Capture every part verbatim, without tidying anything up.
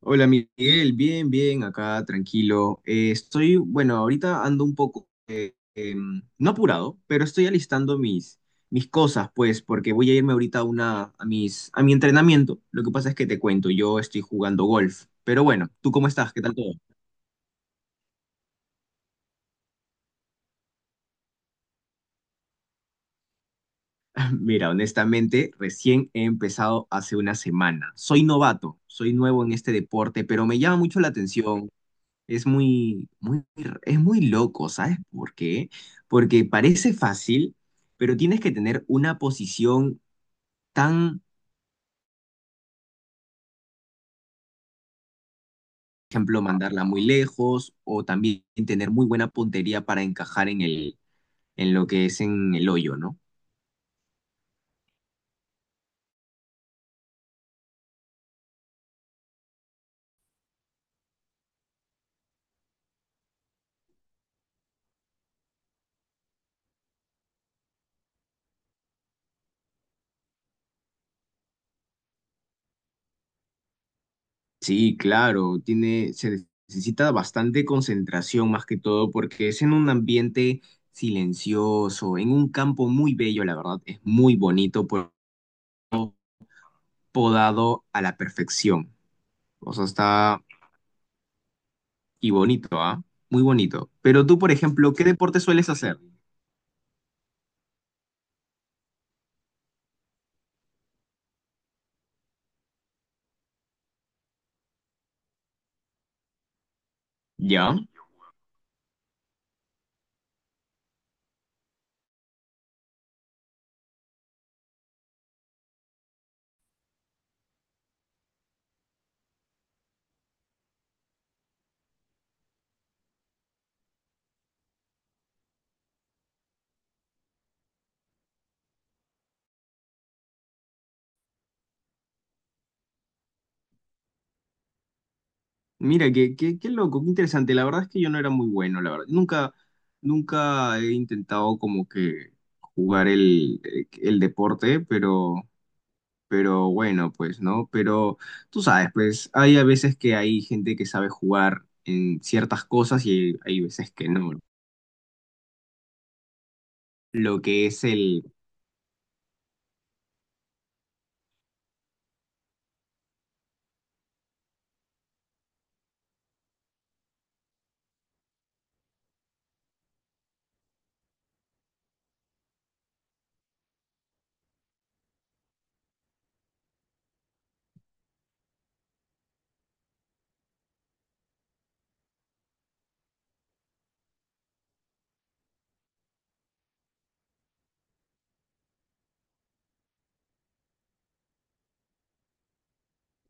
Hola Miguel, bien, bien, acá tranquilo. Eh, estoy, bueno, ahorita ando un poco, em, no apurado, pero estoy alistando mis, mis cosas, pues, porque voy a irme ahorita a, una, a, mis, a mi entrenamiento. Lo que pasa es que te cuento, yo estoy jugando golf, pero bueno, ¿tú cómo estás? ¿Qué tal todo? Mira, honestamente, recién he empezado hace una semana. Soy novato, soy nuevo en este deporte, pero me llama mucho la atención. Es muy, muy, es muy loco, ¿sabes por qué? Porque parece fácil, pero tienes que tener una posición tan, por ejemplo, mandarla muy lejos o también tener muy buena puntería para encajar en el, en lo que es en el hoyo, ¿no? Sí, claro, tiene, se necesita bastante concentración más que todo porque es en un ambiente silencioso, en un campo muy bello, la verdad, es muy bonito, pues, podado a la perfección. O sea, está. Y bonito, ¿ah? Muy bonito. Pero tú, por ejemplo, ¿qué deporte sueles hacer? ¿Ya? Mira, qué, qué, qué loco, qué interesante. La verdad es que yo no era muy bueno, la verdad. Nunca, nunca he intentado como que jugar el, el deporte, pero, pero bueno, pues, ¿no? Pero tú sabes, pues, hay a veces que hay gente que sabe jugar en ciertas cosas y hay veces que no. Lo que es el...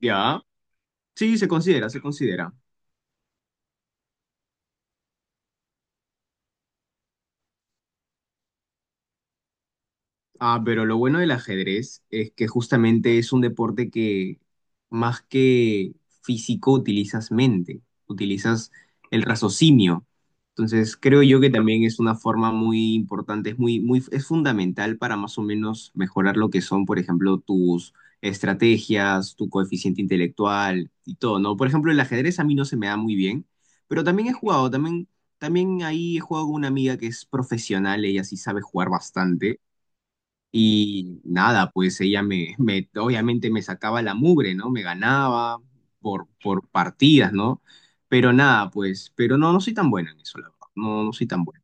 ¿Ya? Sí, se considera, se considera. Ah, pero lo bueno del ajedrez es que justamente es un deporte que más que físico utilizas mente, utilizas el raciocinio. Entonces creo yo que también es una forma muy importante, es muy, muy, es fundamental para más o menos mejorar lo que son, por ejemplo, tus estrategias, tu coeficiente intelectual y todo, ¿no? Por ejemplo, el ajedrez a mí no se me da muy bien, pero también he jugado, también, también ahí he jugado con una amiga que es profesional, ella sí sabe jugar bastante. Y nada, pues ella me, me- obviamente me sacaba la mugre, ¿no? Me ganaba por, por partidas, ¿no? Pero nada, pues, pero no, no soy tan bueno en eso, la verdad. No, no soy tan bueno.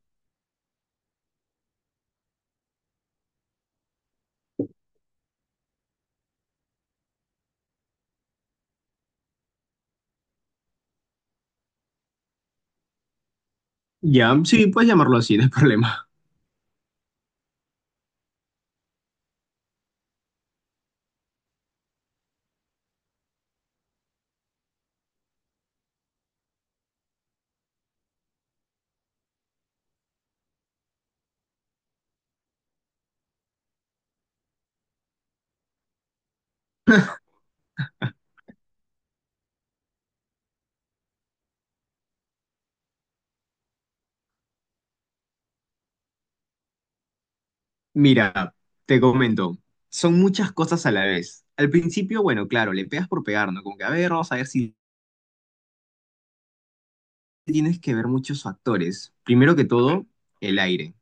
Ya, sí, puedes llamarlo así, no hay problema. Mira, te comento, son muchas cosas a la vez. Al principio, bueno, claro, le pegas por pegar, ¿no? Como que, a ver, vamos a ver si tienes que ver muchos factores. Primero que todo, el aire,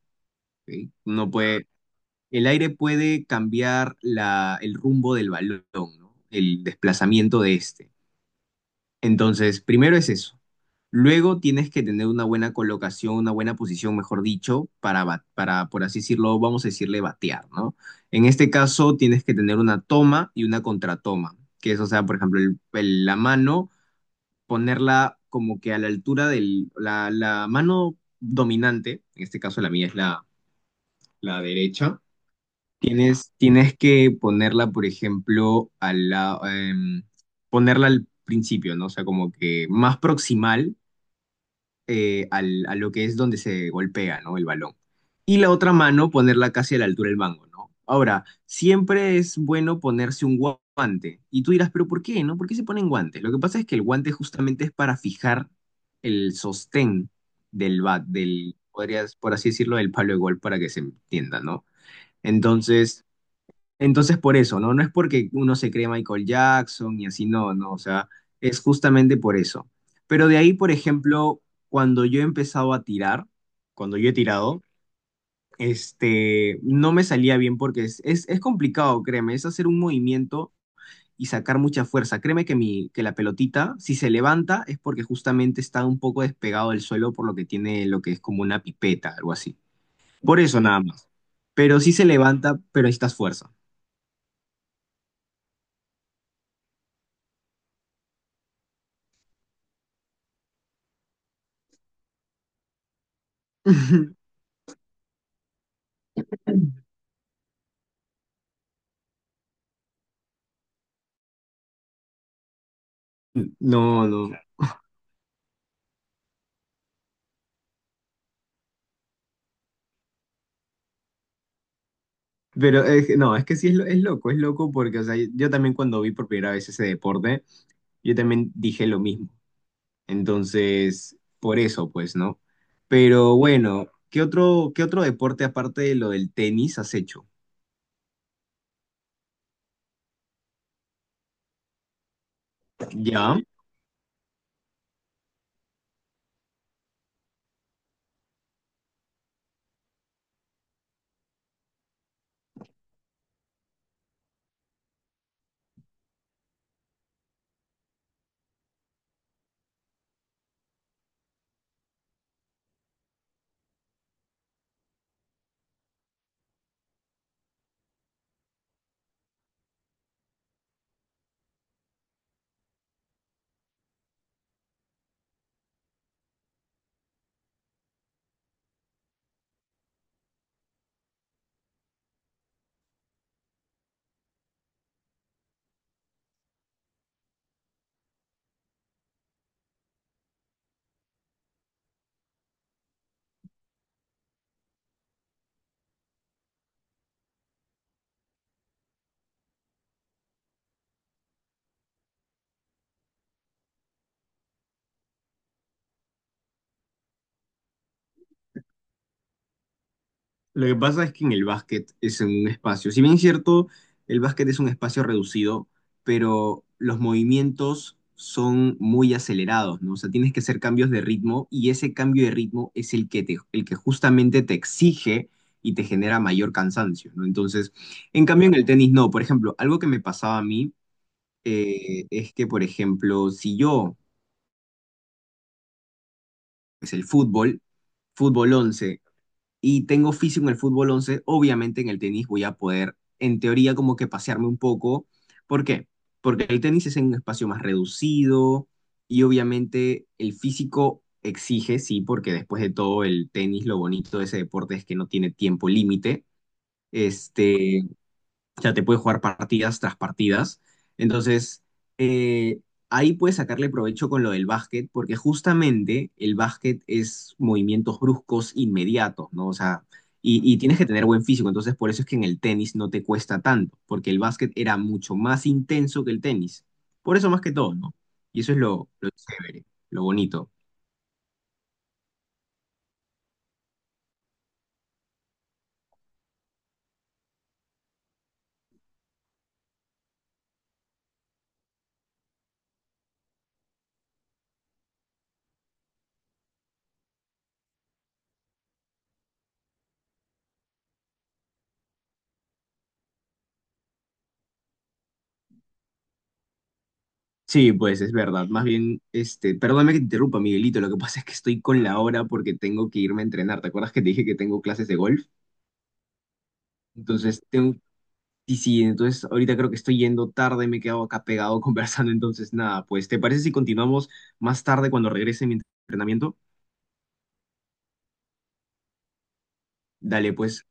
¿ok? No puede, el aire puede cambiar la, el rumbo del balón, ¿no? El desplazamiento de este. Entonces, primero es eso. Luego tienes que tener una buena colocación, una buena posición, mejor dicho, para, ba- para, por así decirlo, vamos a decirle batear, ¿no? En este caso tienes que tener una toma y una contratoma, que es, o sea, por ejemplo, el- el- la mano, ponerla como que a la altura del, la, la mano dominante, en este caso la mía es la, la derecha. Tienes, tienes que ponerla, por ejemplo, a la, em, ponerla al principio, ¿no? O sea, como que más proximal eh, al- a lo que es donde se golpea, ¿no? El balón. Y la otra mano, ponerla casi a la altura del mango, ¿no? Ahora, siempre es bueno ponerse un gua- guante. Y tú dirás, ¿pero por qué, no? ¿Por qué se ponen guantes? Lo que pasa es que el guante justamente es para fijar el sostén del bat, del, podrías, por así decirlo, del palo de gol para que se entienda, ¿no? Entonces... Entonces, por eso, ¿no? No es porque uno se cree Michael Jackson y así, no, no, o sea, es justamente por eso. Pero de ahí, por ejemplo, cuando yo he empezado a tirar, cuando yo he tirado, este, no me salía bien porque es, es, es complicado, créeme, es hacer un movimiento y sacar mucha fuerza. Créeme que, mi, que la pelotita, si se levanta, es porque justamente está un poco despegado del suelo por lo que tiene lo que es como una pipeta, algo así. Por eso nada más. Pero sí se levanta, pero necesitas fuerza. No, no. Pero es, que- no, es que sí es, lo- es loco, es loco porque, o sea, yo también cuando vi por primera vez ese deporte, yo también dije lo mismo. Entonces, por eso, pues, ¿no? Pero bueno, ¿qué otro, qué otro deporte aparte de lo del tenis has hecho? ¿Ya? Lo que pasa es que en el básquet es en un espacio. Si bien es cierto, el básquet es un espacio reducido, pero los movimientos son muy acelerados, ¿no? O sea, tienes que hacer cambios de ritmo y ese cambio de ritmo es el que te, el que justamente te exige y te genera mayor cansancio, ¿no? Entonces, en cambio en el tenis no. Por ejemplo, algo que me pasaba a mí eh, es que, por ejemplo, si yo, es el fútbol, fútbol once y tengo físico en el fútbol once, obviamente en el tenis voy a poder, en teoría, como que pasearme un poco. ¿Por qué? Porque el tenis es en un espacio más reducido y obviamente el físico exige, sí, porque después de todo el tenis, lo bonito de ese deporte es que no tiene tiempo límite. Este, o sea, te puede jugar partidas tras partidas. Entonces, eh, ahí puedes sacarle provecho con lo del básquet, porque justamente el básquet es movimientos bruscos inmediatos, ¿no? O sea, y, y tienes que tener buen físico. Entonces, por eso es que en el tenis no te cuesta tanto, porque el básquet era mucho más intenso que el tenis. Por eso más que todo, ¿no? Y eso es lo, lo chévere, lo bonito. Sí, pues es verdad. Más bien, este, perdóname que te interrumpa, Miguelito. Lo que pasa es que estoy con la hora porque tengo que irme a entrenar. ¿Te acuerdas que te dije que tengo clases de golf? Entonces, tengo, y sí, entonces ahorita creo que estoy yendo tarde, me he quedado acá pegado conversando. Entonces, nada, pues, ¿te parece si continuamos más tarde cuando regrese mi entrenamiento? Dale, pues,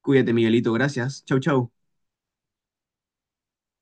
cuídate, Miguelito. Gracias. Chau, chau.